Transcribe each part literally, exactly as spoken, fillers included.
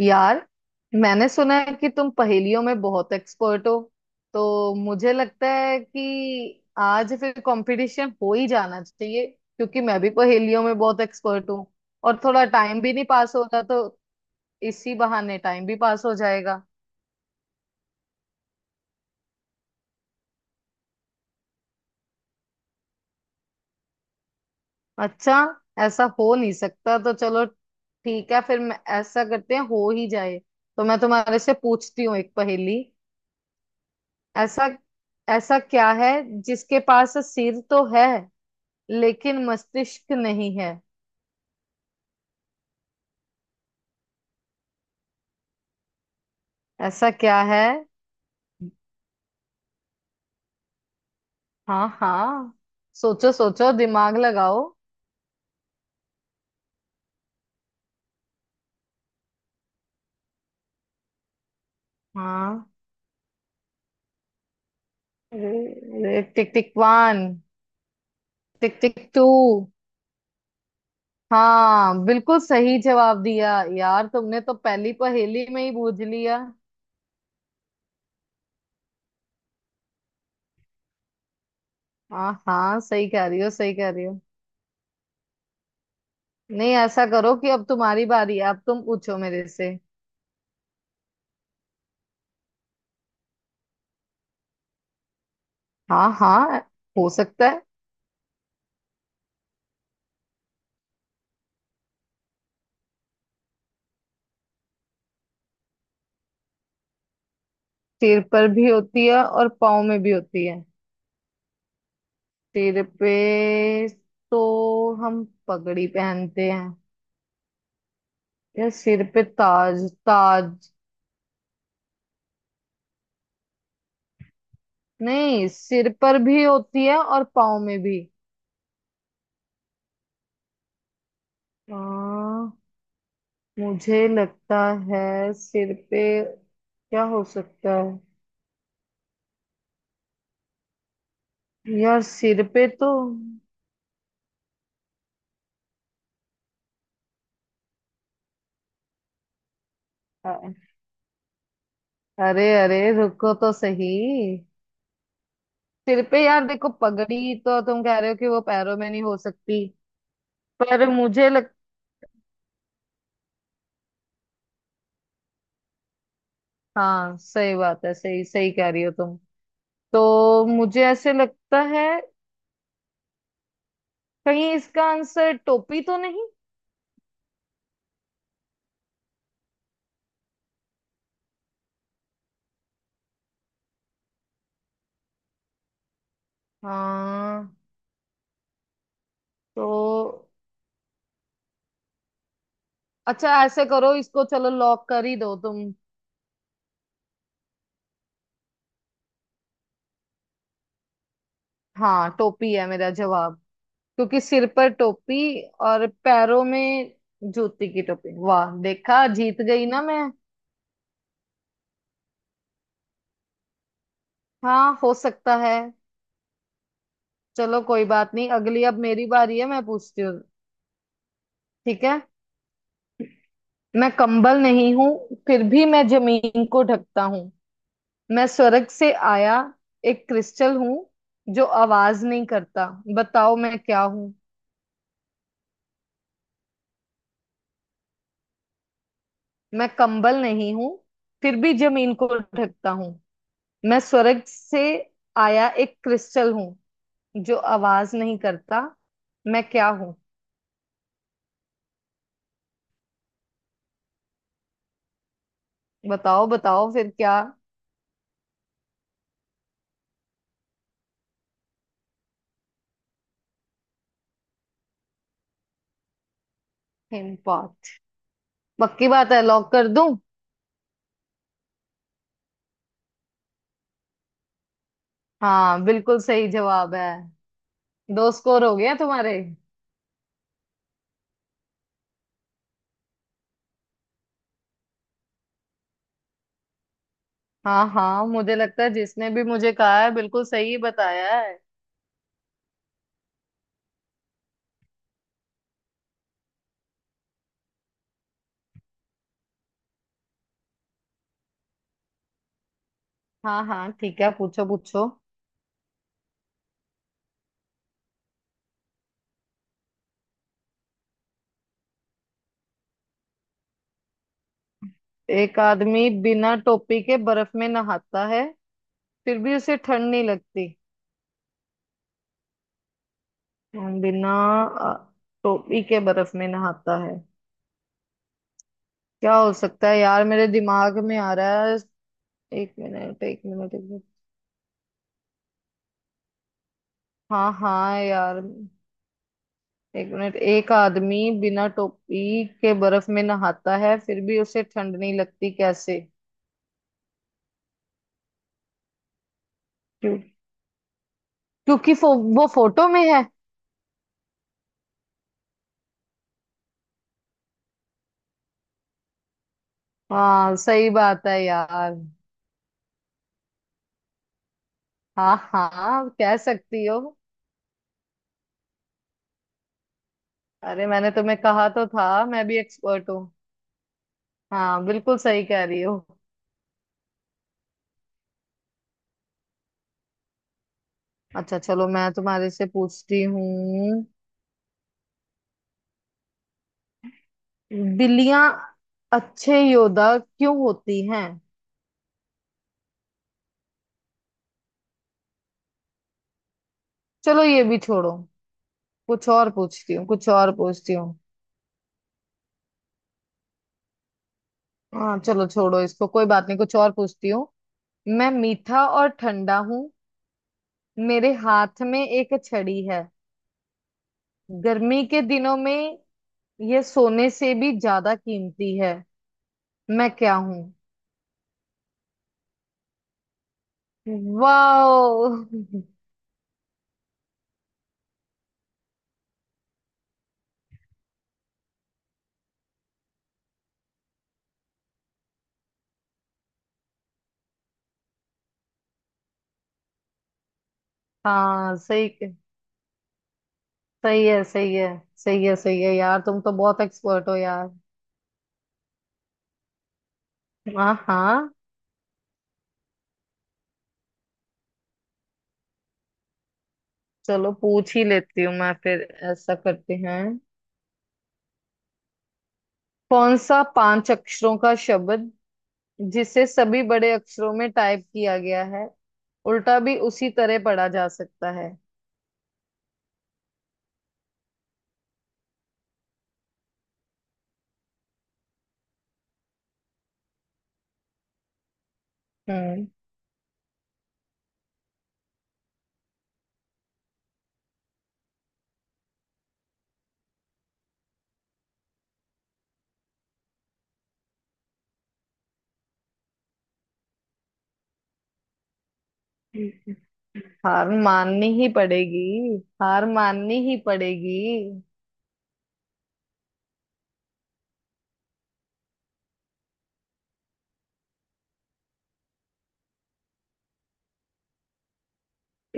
यार, मैंने सुना है कि तुम पहेलियों में बहुत एक्सपर्ट हो। तो मुझे लगता है कि आज फिर कंपटीशन हो ही जाना चाहिए, क्योंकि मैं भी पहेलियों में बहुत एक्सपर्ट हूँ। और थोड़ा टाइम भी नहीं पास हो रहा, तो इसी बहाने टाइम भी पास हो जाएगा। अच्छा, ऐसा हो नहीं सकता, तो चलो ठीक है फिर। मैं ऐसा करते हैं, हो ही जाए। तो मैं तुम्हारे से पूछती हूँ एक पहेली। ऐसा, ऐसा क्या है जिसके पास सिर तो है लेकिन मस्तिष्क नहीं है? ऐसा क्या है? हाँ हाँ, सोचो सोचो, दिमाग लगाओ। हाँ, अरे, tick tick one. Tick tick two. हाँ, बिल्कुल सही जवाब दिया यार, तुमने तो पहली पहेली में ही बूझ लिया। हाँ हाँ, सही कह रही हो, सही कह रही हो। नहीं, ऐसा करो कि अब तुम्हारी बारी है, अब तुम पूछो मेरे से। हाँ हाँ, हो सकता है। सिर पर भी होती है और पाँव में भी होती है? सिर पे तो हम पगड़ी पहनते हैं। या सिर पे ताज। ताज। नहीं, सिर पर भी होती है और पाँव में भी। हाँ, मुझे लगता है सिर पे क्या हो सकता है। यार सिर पे तो अ- अरे अरे, रुको तो सही। सिर पे यार, देखो पगड़ी तो तुम कह रहे हो कि वो पैरों में नहीं हो सकती। पर मुझे लग, हाँ सही बात है, सही सही कह रही हो तुम। तो मुझे ऐसे लगता है, कहीं इसका आंसर टोपी तो नहीं। हाँ। तो अच्छा, ऐसे करो, इसको चलो लॉक कर ही दो तुम। हाँ, टोपी है मेरा जवाब, क्योंकि सिर पर टोपी और पैरों में जूती की टोपी। वाह, देखा, जीत गई ना मैं। हाँ, हो सकता है। चलो कोई बात नहीं, अगली अब मेरी बारी है, मैं पूछती हूँ। ठीक है। मैं कंबल नहीं हूँ, फिर भी मैं जमीन को ढकता हूँ। मैं स्वर्ग से आया एक क्रिस्टल हूँ जो आवाज नहीं करता। बताओ, मैं क्या हूँ? मैं कंबल नहीं हूँ, फिर भी जमीन को ढकता हूँ। मैं स्वर्ग से आया एक क्रिस्टल हूँ जो आवाज नहीं करता। मैं क्या हूँ? बताओ बताओ, फिर क्या। हिमपात? पक्की बात है, लॉक कर दूं? हाँ, बिल्कुल सही जवाब है। दो स्कोर हो गया तुम्हारे। हाँ हाँ, मुझे लगता है जिसने भी मुझे कहा है बिल्कुल सही बताया है। हाँ हाँ, ठीक है, पूछो पूछो। एक आदमी बिना टोपी के बर्फ में नहाता है, फिर भी उसे ठंड नहीं लगती। हम बिना अ, टोपी के बर्फ में नहाता है। क्या हो सकता है यार, मेरे दिमाग में आ रहा है। एक मिनट, एक मिनट, एक मिनट। हाँ हाँ यार, एक मिनट। एक आदमी बिना टोपी के बर्फ में नहाता है, फिर भी उसे ठंड नहीं लगती, कैसे? क्यों? क्योंकि फो, वो फोटो में है। हाँ सही बात है यार। हाँ हाँ, कह सकती हो। अरे, मैंने तुम्हें कहा तो था मैं भी एक्सपर्ट हूँ। हाँ, बिल्कुल सही कह रही हो। अच्छा, चलो मैं तुम्हारे से पूछती हूँ। बिल्लियां अच्छे योद्धा क्यों होती हैं? चलो ये भी छोड़ो, कुछ और पूछती हूँ, कुछ और पूछती हूँ। हाँ चलो, छोड़ो इसको, कोई बात नहीं, कुछ और पूछती हूँ। मैं मीठा और ठंडा हूँ, मेरे हाथ में एक छड़ी है। गर्मी के दिनों में यह सोने से भी ज्यादा कीमती है। मैं क्या हूँ? वाह। हाँ सही। सही है, सही है। सही है, सही है यार, तुम तो बहुत एक्सपर्ट हो यार। हाँ हाँ। चलो पूछ ही लेती हूँ मैं फिर, ऐसा करते हैं। कौन सा पांच अक्षरों का शब्द, जिसे सभी बड़े अक्षरों में टाइप किया गया है, उल्टा भी उसी तरह पढ़ा जा सकता है? हम्म। हार माननी ही पड़ेगी, हार माननी ही पड़ेगी।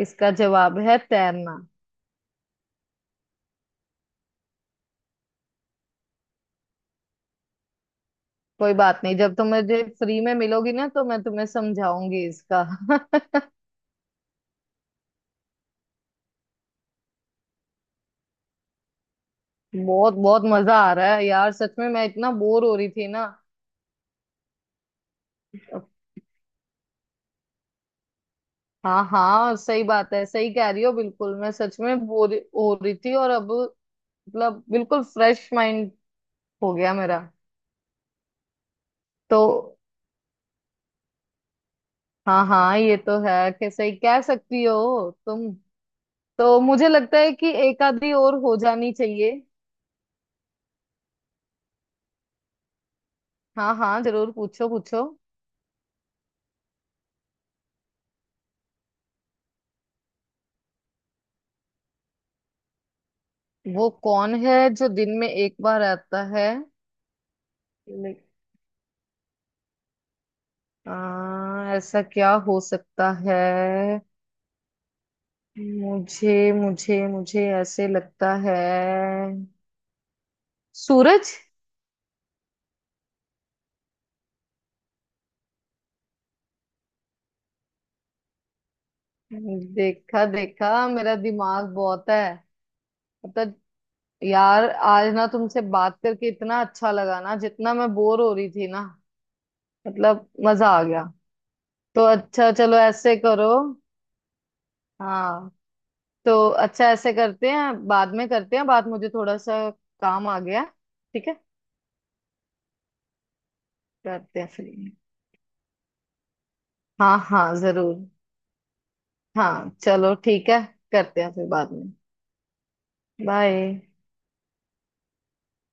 इसका जवाब है तैरना। कोई बात नहीं, जब तुम मुझे फ्री में मिलोगी ना तो मैं तुम्हें समझाऊंगी इसका। बहुत बहुत मजा आ रहा है यार, सच में मैं इतना बोर हो रही थी ना। हाँ हाँ, सही बात है, सही कह रही हो, बिल्कुल। मैं सच में बोर हो रही थी, और अब मतलब बिल्कुल फ्रेश माइंड हो गया मेरा। तो हाँ हाँ, ये तो है कि सही कह सकती हो तुम। तो मुझे लगता है कि एक आधी और हो जानी चाहिए। हाँ हाँ जरूर, पूछो पूछो। वो कौन है जो दिन में एक बार आता है? लाइक, आ, ऐसा क्या हो सकता है। मुझे मुझे मुझे ऐसे लगता है, सूरज। देखा देखा, मेरा दिमाग बहुत है। मतलब, यार आज ना तुमसे बात करके इतना अच्छा लगा ना, जितना मैं बोर हो रही थी ना, मतलब मजा आ गया। तो अच्छा, चलो ऐसे करो। हाँ। तो अच्छा, ऐसे करते हैं, बाद में करते हैं बात, मुझे थोड़ा सा काम आ गया। ठीक है, करते हैं फिर। हाँ हाँ जरूर। हाँ चलो ठीक है, करते हैं फिर बाद में। बाय।